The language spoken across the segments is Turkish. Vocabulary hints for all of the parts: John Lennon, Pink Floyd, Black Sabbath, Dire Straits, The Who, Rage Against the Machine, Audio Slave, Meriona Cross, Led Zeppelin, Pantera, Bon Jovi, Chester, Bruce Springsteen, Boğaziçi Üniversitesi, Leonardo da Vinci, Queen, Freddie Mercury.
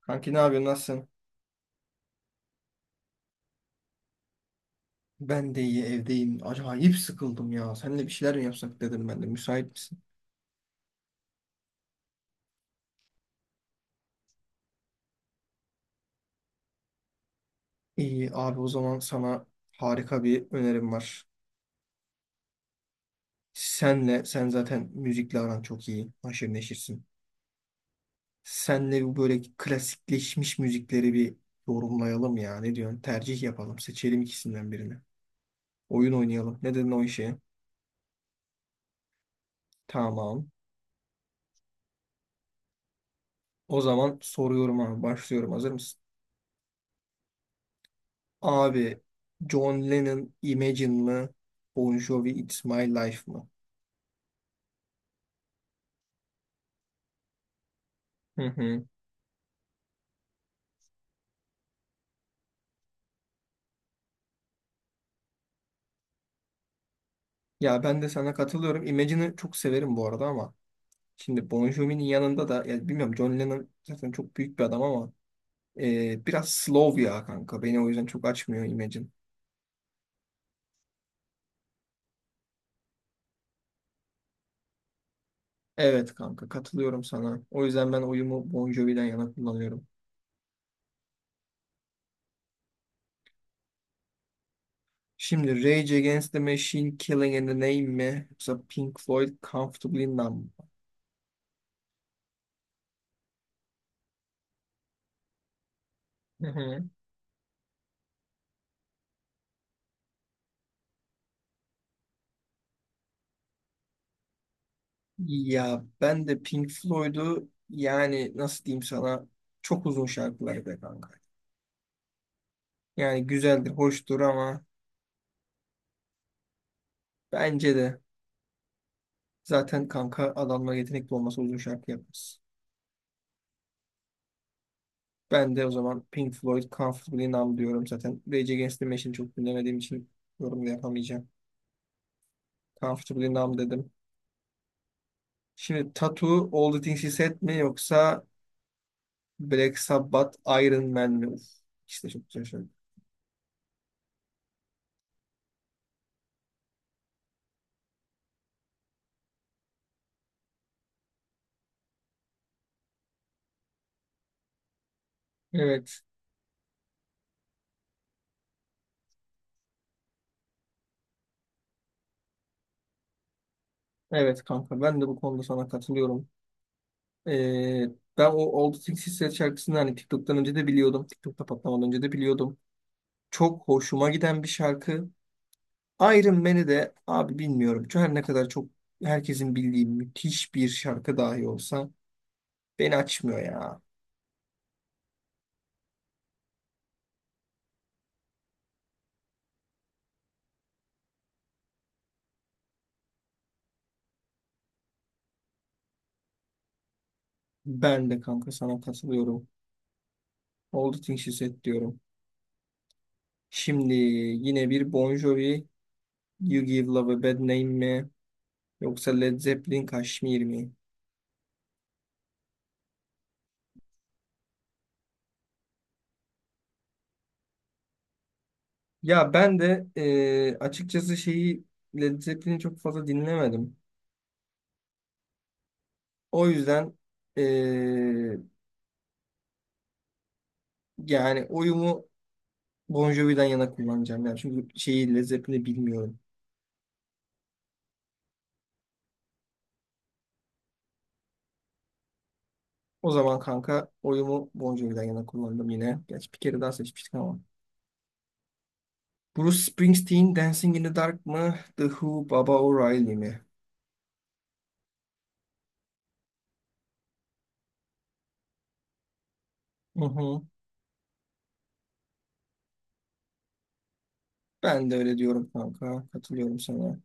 Kanki ne yapıyorsun? Nasılsın? Ben de iyi, evdeyim. Acayip sıkıldım ya. Seninle bir şeyler mi yapsak dedim ben de. Müsait misin? İyi abi, o zaman sana harika bir önerim var. Senle, sen zaten müzikle aran çok iyi. Haşır neşirsin. Senle bu böyle klasikleşmiş müzikleri bir yorumlayalım ya. Ne diyorsun? Tercih yapalım. Seçelim ikisinden birini. Oyun oynayalım. Ne dedin o işe? Tamam. O zaman soruyorum abi. Başlıyorum. Hazır mısın? Abi John Lennon Imagine mı? Bon Jovi It's My Life mı? Hı hı. Ya ben de sana katılıyorum. Imagine'ı çok severim bu arada, ama şimdi Bon Jovi'nin yanında da ya bilmiyorum, John Lennon zaten çok büyük bir adam ama biraz slow ya kanka. Beni o yüzden çok açmıyor Imagine. Evet kanka, katılıyorum sana. O yüzden ben oyumu Bon Jovi'den yana kullanıyorum. Şimdi Rage Against the Machine Killing in the Name mi? Yoksa Pink Floyd Comfortably Numb mı? Hı hı. Ya ben de Pink Floyd'u yani nasıl diyeyim sana, çok uzun şarkıları be kanka. Yani güzeldir, hoştur ama bence de zaten kanka adamlar yetenekli olmasa uzun şarkı yapmaz. Ben de o zaman Pink Floyd Comfortably Numb diyorum zaten. Rage Against the Machine'i çok dinlemediğim için yorum da yapamayacağım. Comfortably Numb dedim. Şimdi Tattoo All the Things He Said mi, yoksa Black Sabbath Iron Man mi? Uf, işte çok güzel şarkı. Evet. Evet kanka, ben de bu konuda sana katılıyorum. Ee, ben o Old Sixties şarkısını hani TikTok'tan önce de biliyordum. TikTok'ta patlamadan önce de biliyordum. Çok hoşuma giden bir şarkı. Iron Man'i de abi bilmiyorum. Şu her ne kadar çok herkesin bildiği müthiş bir şarkı dahi olsa beni açmıyor ya. Ben de kanka sana katılıyorum. Old Sixties diyorum. Şimdi yine bir Bon Jovi You Give Love a Bad Name mi? Yoksa Led Zeppelin Kashmir mi? Ya ben de açıkçası şeyi Led Zeppelin'i çok fazla dinlemedim. O yüzden eee, yani oyumu Bon Jovi'den yana kullanacağım. Yani çünkü şeyi Led Zeppelin'i bilmiyorum. O zaman kanka oyumu Bon Jovi'den yana kullandım yine. Gerçi bir kere daha seçmiştik ama. Bruce Springsteen Dancing in the Dark mı? The Who Baba O'Reilly mi? Hı hı. Ben de öyle diyorum kanka. Katılıyorum sana.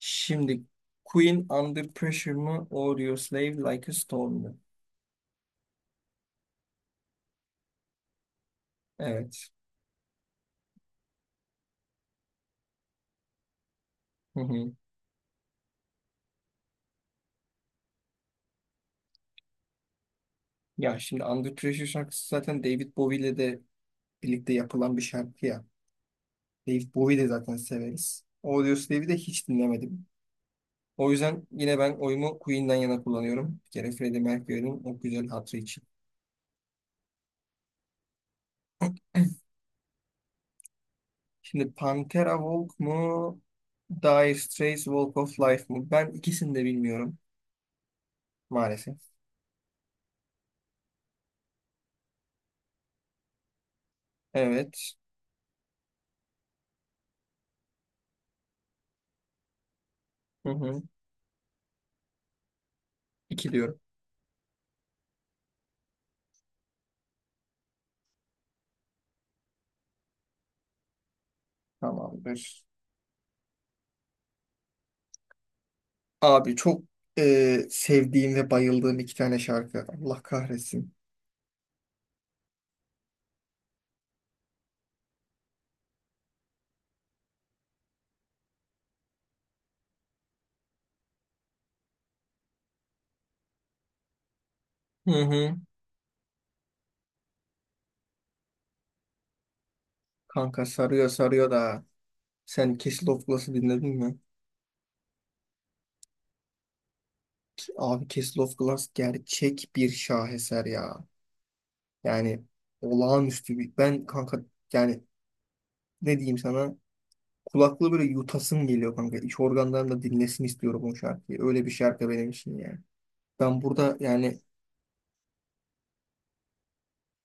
Şimdi Queen Under Pressure mı? Audio Slave Like a Storm mu? Evet. Hı hı. Ya şimdi Under Pressure şarkısı zaten David Bowie ile de birlikte yapılan bir şarkı ya. David Bowie de zaten severiz. Audios Dave'i de hiç dinlemedim. O yüzden yine ben oyumu Queen'den yana kullanıyorum. Bir kere Freddie Mercury'nin o güzel hatırı için. Şimdi Pantera Walk mu? Dire Straits Walk of Life mı? Ben ikisini de bilmiyorum maalesef. Evet. Hı hı. İki diyorum. Tamamdır. Abi çok sevdiğim ve bayıldığım iki tane şarkı. Allah kahretsin. Hı hı. Kanka sarıyor, sarıyor da. Sen Castle of Glass'ı dinledin mi? Abi Castle of Glass gerçek bir şaheser ya. Yani olağanüstü bir. Ben kanka yani ne diyeyim sana? Kulaklığı böyle yutasım geliyor kanka. İç organlarım da dinlesin istiyorum o şarkıyı. Öyle bir şarkı benim için yani. Ben burada yani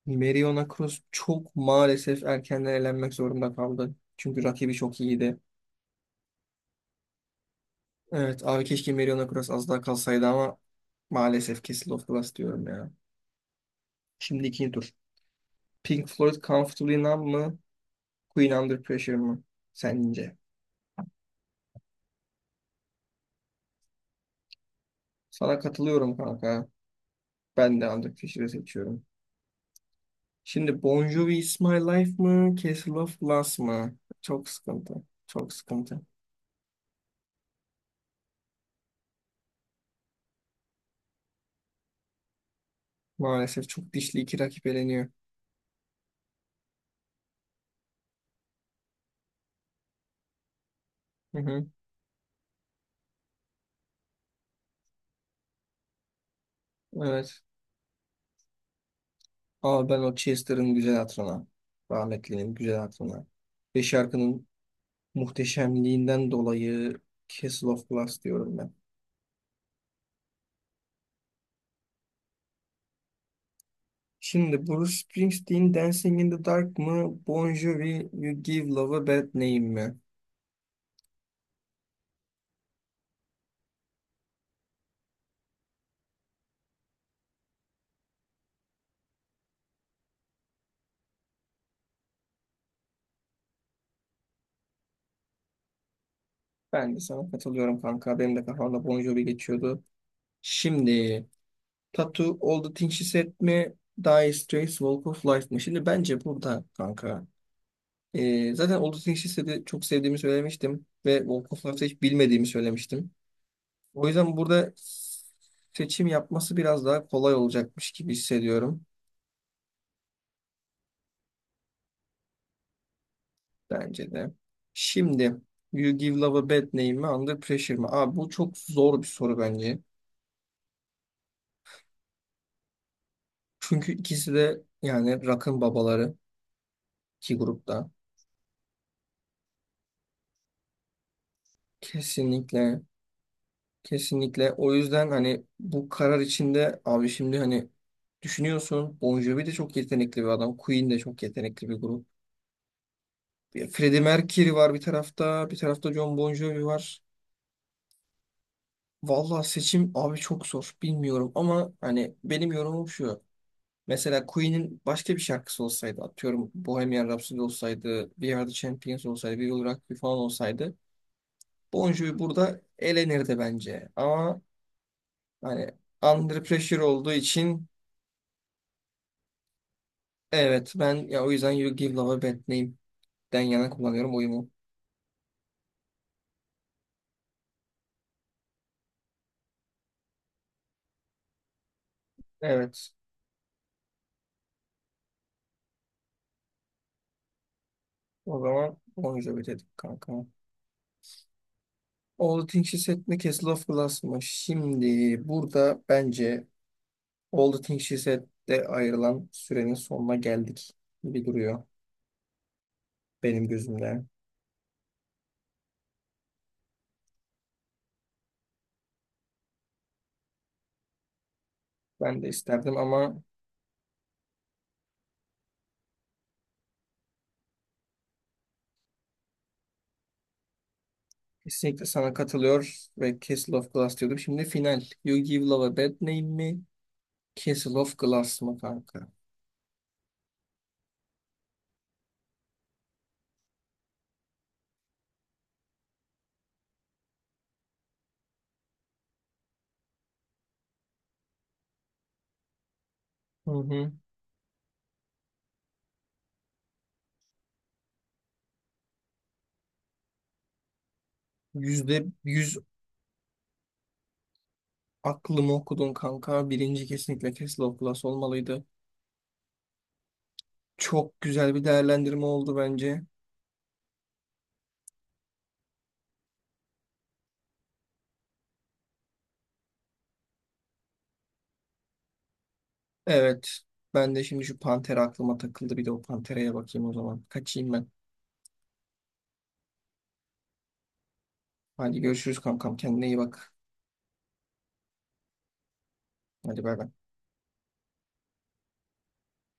Meriona Cross çok maalesef erkenden elenmek zorunda kaldı. Çünkü rakibi çok iyiydi. Evet abi, keşke Mariona Cross az daha kalsaydı ama maalesef kesildi of the Last diyorum ya. Şimdi ikinci tur. Pink Floyd Comfortably Numb mı? Queen Under Pressure mı? Sence? Sana katılıyorum kanka. Ben de Under Pressure'ı seçiyorum. Şimdi Bon Jovi Is My Life mı? Castle of Glass mı? Çok sıkıntı. Çok sıkıntı. Maalesef çok dişli iki rakip eleniyor. Hı hı. Evet. Ama ben o Chester'ın güzel hatırına. Rahmetlinin güzel hatırına. Ve şarkının muhteşemliğinden dolayı Castle of Glass diyorum ben. Şimdi Bruce Springsteen Dancing in the Dark mı? Bon Jovi You Give Love a Bad Name mi? Ben de sana katılıyorum kanka. Benim de kafamda Bon Jovi geçiyordu. Şimdi Tattoo All the Things She Said mi? Dire Straits Walk of Life mi? Şimdi bence burada kanka. Zaten All the Things She Said'i çok sevdiğimi söylemiştim. Ve Walk of Life'ı hiç bilmediğimi söylemiştim. O yüzden burada seçim yapması biraz daha kolay olacakmış gibi hissediyorum, bence de. Şimdi You Give Love a Bad Name mi, Under Pressure mi? Abi bu çok zor bir soru bence. Çünkü ikisi de yani rock'ın babaları iki grupta. Kesinlikle, kesinlikle, o yüzden hani bu karar içinde abi şimdi hani düşünüyorsun, Bon Jovi de çok yetenekli bir adam. Queen de çok yetenekli bir grup. Freddie Mercury var bir tarafta, bir tarafta John Bon Jovi var. Vallahi seçim abi çok zor. Bilmiyorum ama hani benim yorumum şu. Mesela Queen'in başka bir şarkısı olsaydı, atıyorum Bohemian Rhapsody olsaydı, We Are The Champions olsaydı, We Will Rock You falan olsaydı, Bon Jovi burada elenirdi bence. Ama hani Under Pressure olduğu için, evet ben ya o yüzden You Give Love a Bad Name'den yana kullanıyorum oyumu. Evet. O zaman Bon Jovi dedik kanka. All the Things She Said mi, Castle of Glass mı? Şimdi burada bence All the Things She Said'de ayrılan sürenin sonuna geldik gibi duruyor benim gözümde. Ben de isterdim ama kesinlikle sana katılıyor ve Castle of Glass diyordum. Şimdi final. You Give Love a Bad Name mi? Castle of Glass mı kanka? Hı hı. %100 aklımı okudun kanka. Birinci kesinlikle Castle of Glass olmalıydı. Çok güzel bir değerlendirme oldu bence. Evet. Ben de şimdi şu panter aklıma takıldı. Bir de o pantereye bakayım o zaman. Kaçayım ben. Hadi görüşürüz kankam. Kendine iyi bak. Hadi bay bay.